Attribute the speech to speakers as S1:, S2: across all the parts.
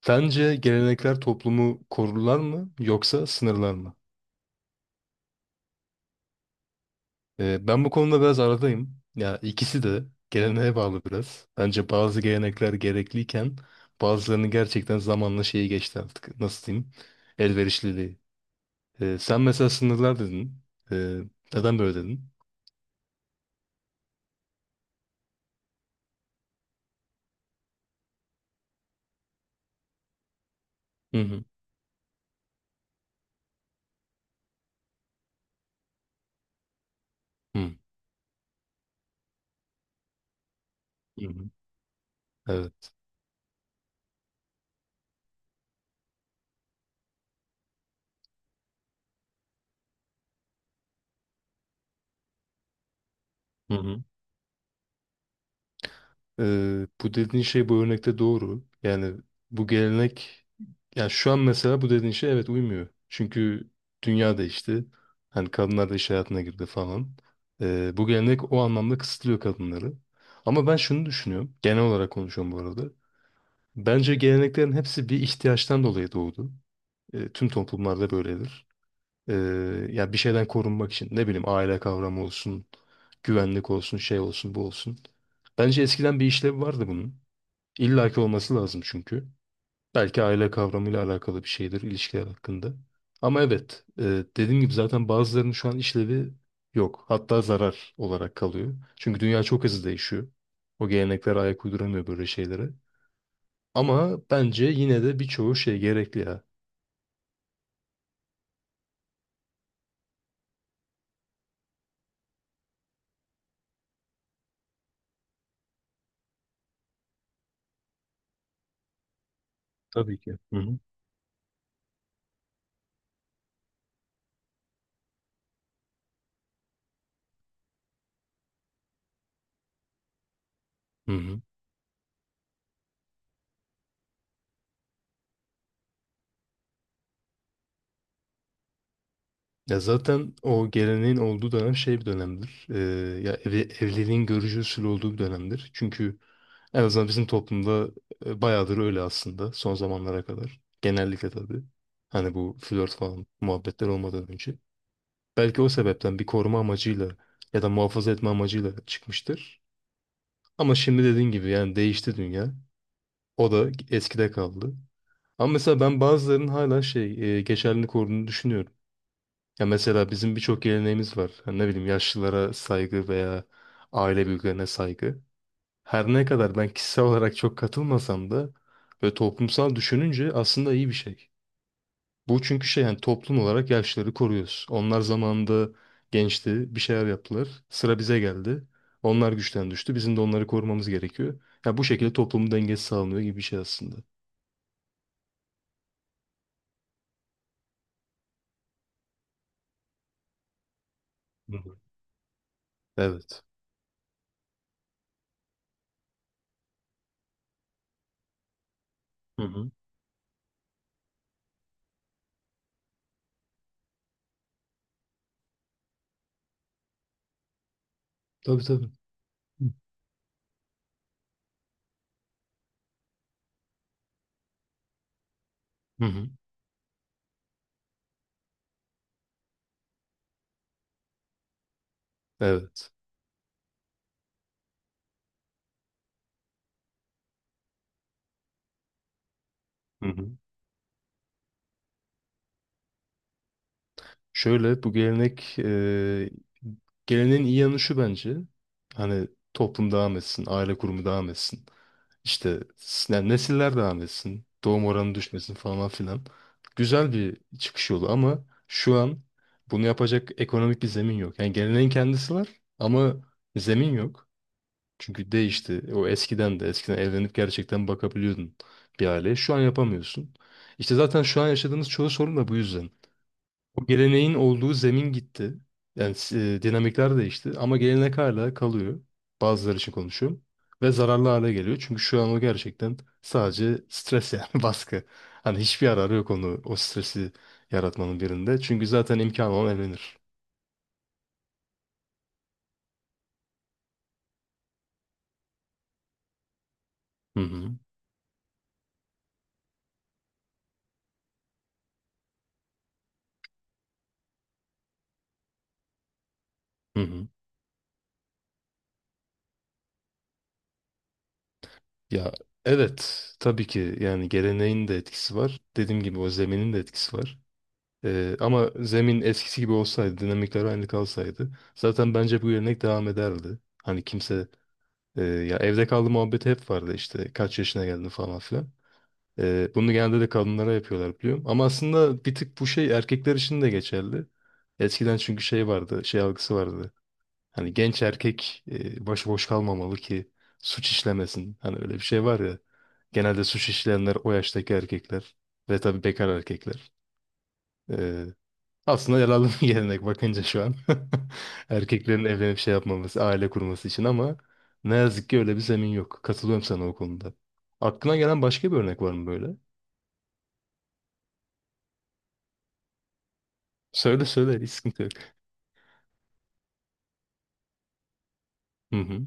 S1: Sence gelenekler toplumu korurlar mı yoksa sınırlar mı? Ben bu konuda biraz aradayım. Ya ikisi de geleneğe bağlı biraz. Bence bazı gelenekler gerekliyken bazılarını gerçekten zamanla şeyi geçti artık. Nasıl diyeyim? Elverişliliği. Sen mesela sınırlar dedin. Ee, Neden böyle dedin? Hı hı. Hı hı. Hı. Evet. Bu dediğin şey bu örnekte doğru. Yani bu gelenek yani şu an mesela bu dediğin şey evet uymuyor. Çünkü dünya değişti. Hani kadınlar da iş hayatına girdi falan. Bu gelenek o anlamda kısıtlıyor kadınları. Ama ben şunu düşünüyorum. Genel olarak konuşuyorum bu arada. Bence geleneklerin hepsi bir ihtiyaçtan dolayı doğdu. Tüm toplumlarda böyledir. Ee, Yani bir şeyden korunmak için ne bileyim aile kavramı olsun, güvenlik olsun, şey olsun, bu olsun. Bence eskiden bir işlevi vardı bunun. İllaki olması lazım çünkü. Belki aile kavramıyla alakalı bir şeydir ilişkiler hakkında. Ama evet, dediğim gibi zaten bazılarının şu an işlevi yok. Hatta zarar olarak kalıyor. Çünkü dünya çok hızlı değişiyor. O gelenekler ayak uyduramıyor böyle şeylere. Ama bence yine de birçoğu şey gerekli ya. Tabii ki. Hı hı. Hı hı. Ya zaten o geleneğin olduğu dönem şey bir dönemdir. Evliliğin görücü usulü olduğu bir dönemdir. Çünkü en azından bizim toplumda bayağıdır öyle aslında son zamanlara kadar. Genellikle tabii. Hani bu flört falan muhabbetler olmadan önce. Belki o sebepten bir koruma amacıyla ya da muhafaza etme amacıyla çıkmıştır. Ama şimdi dediğin gibi yani değişti dünya. O da eskide kaldı. Ama mesela ben bazılarının hala şey geçerliliğini koruduğunu düşünüyorum. Ya mesela bizim birçok geleneğimiz var. Hani ne bileyim yaşlılara saygı veya aile büyüklerine saygı. Her ne kadar ben kişisel olarak çok katılmasam da ve toplumsal düşününce aslında iyi bir şey. Bu çünkü şey yani toplum olarak yaşlıları koruyoruz. Onlar zamanında gençti, bir şeyler yaptılar. Sıra bize geldi. Onlar güçten düştü. Bizim de onları korumamız gerekiyor. Ya bu şekilde toplumun dengesi sağlanıyor gibi bir şey aslında. Hı hı. Evet. Hı hı. Tabii tabii. Hı hı. Evet. Şöyle bu gelenek geleneğin iyi yanı şu bence. Hani toplum devam etsin, aile kurumu devam etsin. İşte yani nesiller devam etsin. Doğum oranı düşmesin falan filan. Güzel bir çıkış yolu ama şu an bunu yapacak ekonomik bir zemin yok. Yani geleneğin kendisi var ama zemin yok. Çünkü değişti. O eskiden evlenip gerçekten bakabiliyordun bir aileye. Şu an yapamıyorsun. İşte zaten şu an yaşadığımız çoğu sorun da bu yüzden. O geleneğin olduğu zemin gitti. Yani dinamikler değişti ama gelenek hala kalıyor. Bazıları için konuşuyorum. Ve zararlı hale geliyor. Çünkü şu an o gerçekten sadece stres yani baskı. Hani hiçbir yararı yok onu o stresi yaratmanın birinde. Çünkü zaten imkanı olan evlenir. Hı hı. Hı hı. Ya evet tabii ki yani geleneğin de etkisi var. Dediğim gibi o zeminin de etkisi var. Ama zemin eskisi gibi olsaydı, dinamikler aynı kalsaydı zaten bence bu gelenek devam ederdi. Hani kimse. Ya evde kaldı muhabbeti hep vardı işte kaç yaşına geldin falan filan. Bunu genelde de kadınlara yapıyorlar biliyorum. Ama aslında bir tık bu şey erkekler için de geçerli. Eskiden çünkü şey vardı, şey algısı vardı. Hani genç erkek başıboş kalmamalı ki suç işlemesin. Hani öyle bir şey var ya. Genelde suç işleyenler o yaştaki erkekler ve tabii bekar erkekler. Ee, Aslında yararlı bir gelenek bakınca şu an. Erkeklerin evlenip şey yapmaması, aile kurması için ama ne yazık ki öyle bir zemin yok. Katılıyorum sana o konuda. Aklına gelen başka bir örnek var mı böyle? Söyle söyle, hiç sıkıntı yok. Hı hı.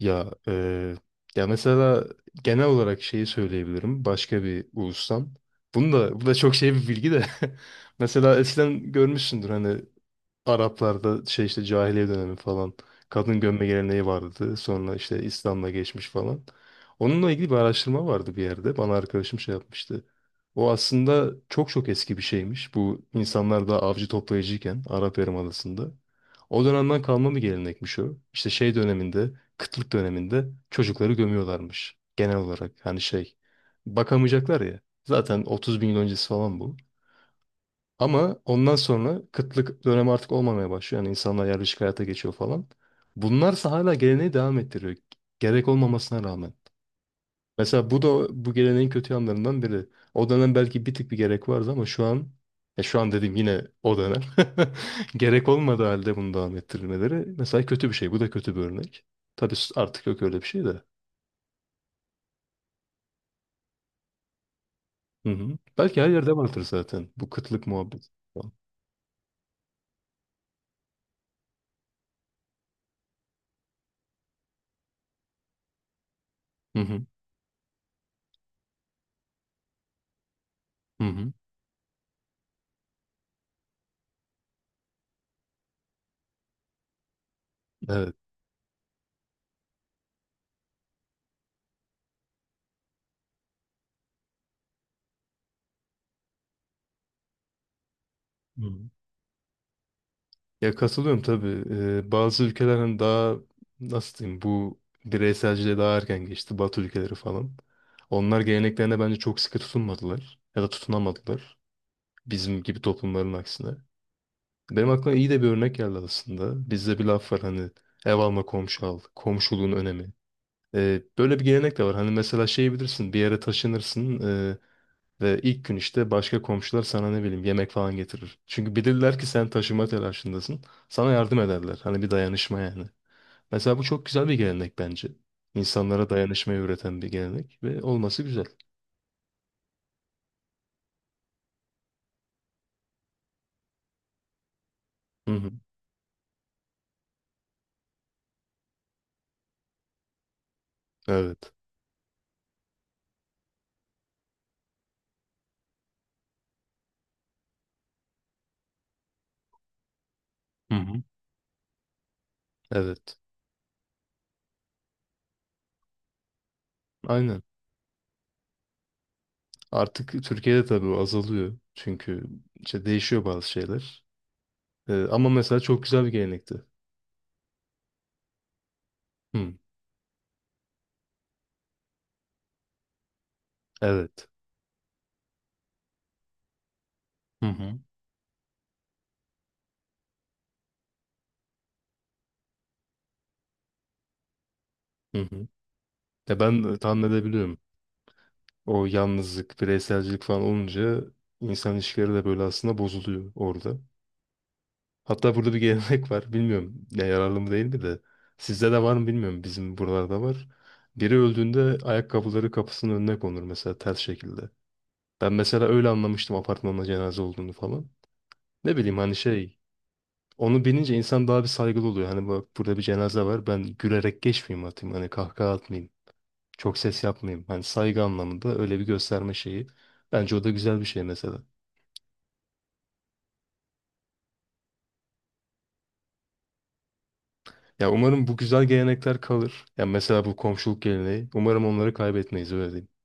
S1: Ya, ya mesela genel olarak şeyi söyleyebilirim. Başka bir ulustan. Bunu da, bu da çok şey bir bilgi de. Mesela eskiden görmüşsündür hani Araplarda şey işte cahiliye dönemi falan kadın gömme geleneği vardı. Sonra işte İslam'la geçmiş falan. Onunla ilgili bir araştırma vardı bir yerde. Bana arkadaşım şey yapmıştı. O aslında çok çok eski bir şeymiş. Bu insanlar da avcı toplayıcıyken Arap Yarımadası'nda. O dönemden kalma bir gelenekmiş o. İşte şey döneminde, kıtlık döneminde çocukları gömüyorlarmış. Genel olarak hani şey bakamayacaklar ya. Zaten 30 bin yıl öncesi falan bu. Ama ondan sonra kıtlık dönemi artık olmamaya başlıyor. Yani insanlar yerleşik hayata geçiyor falan. Bunlarsa hala geleneği devam ettiriyor. Gerek olmamasına rağmen. Mesela bu da bu geleneğin kötü yanlarından biri. O dönem belki bir tık bir gerek vardı ama şu an ya şu an dedim yine o dönem. Gerek olmadığı halde bunu devam ettirilmeleri mesela kötü bir şey. Bu da kötü bir örnek. Tabii artık yok öyle bir şey de. Hı hı. Belki her yerde vardır zaten bu kıtlık muhabbeti. Falan. Hı hı. Hı hı. Evet. Hı. Ya katılıyorum tabii. Bazı ülkeler hani daha nasıl diyeyim bu bireyselciliğe daha erken geçti. Batı ülkeleri falan. Onlar geleneklerine bence çok sıkı tutunmadılar. Ya da tutunamadılar. Bizim gibi toplumların aksine. Benim aklıma iyi de bir örnek geldi aslında. Bizde bir laf var hani ev alma komşu al. Komşuluğun önemi. Böyle bir gelenek de var. Hani mesela şey bilirsin bir yere taşınırsın. e, Ve ilk gün işte başka komşular sana ne bileyim yemek falan getirir. Çünkü bilirler ki sen taşıma telaşındasın. Sana yardım ederler. Hani bir dayanışma yani. Mesela bu çok güzel bir gelenek bence. İnsanlara dayanışmayı öğreten bir gelenek ve olması güzel. Hı hı. Evet. Hı hı. Evet. Aynen. Artık Türkiye'de tabii o azalıyor. Çünkü işte değişiyor bazı şeyler. Ama mesela çok güzel bir gelenekti. Hı. Evet. Hı hı. Hı hı. Ya ben tahmin edebiliyorum. O yalnızlık, bireyselcilik falan olunca insan ilişkileri de böyle aslında bozuluyor orada. Hatta burada bir gelenek var. Bilmiyorum ne yararlı mı değil mi de. Sizde de var mı bilmiyorum. Bizim buralarda var. Biri öldüğünde ayakkabıları kapısının önüne konur mesela ters şekilde. Ben mesela öyle anlamıştım apartmanda cenaze olduğunu falan. Ne bileyim hani şey onu bilince insan daha bir saygılı oluyor. Hani bak burada bir cenaze var ben gülerek geçmeyeyim atayım hani kahkaha atmayayım. Çok ses yapmayayım. Hani saygı anlamında öyle bir gösterme şeyi. Bence o da güzel bir şey mesela. Ya umarım bu güzel gelenekler kalır. Ya mesela bu komşuluk geleneği. Umarım onları kaybetmeyiz öyle diyeyim.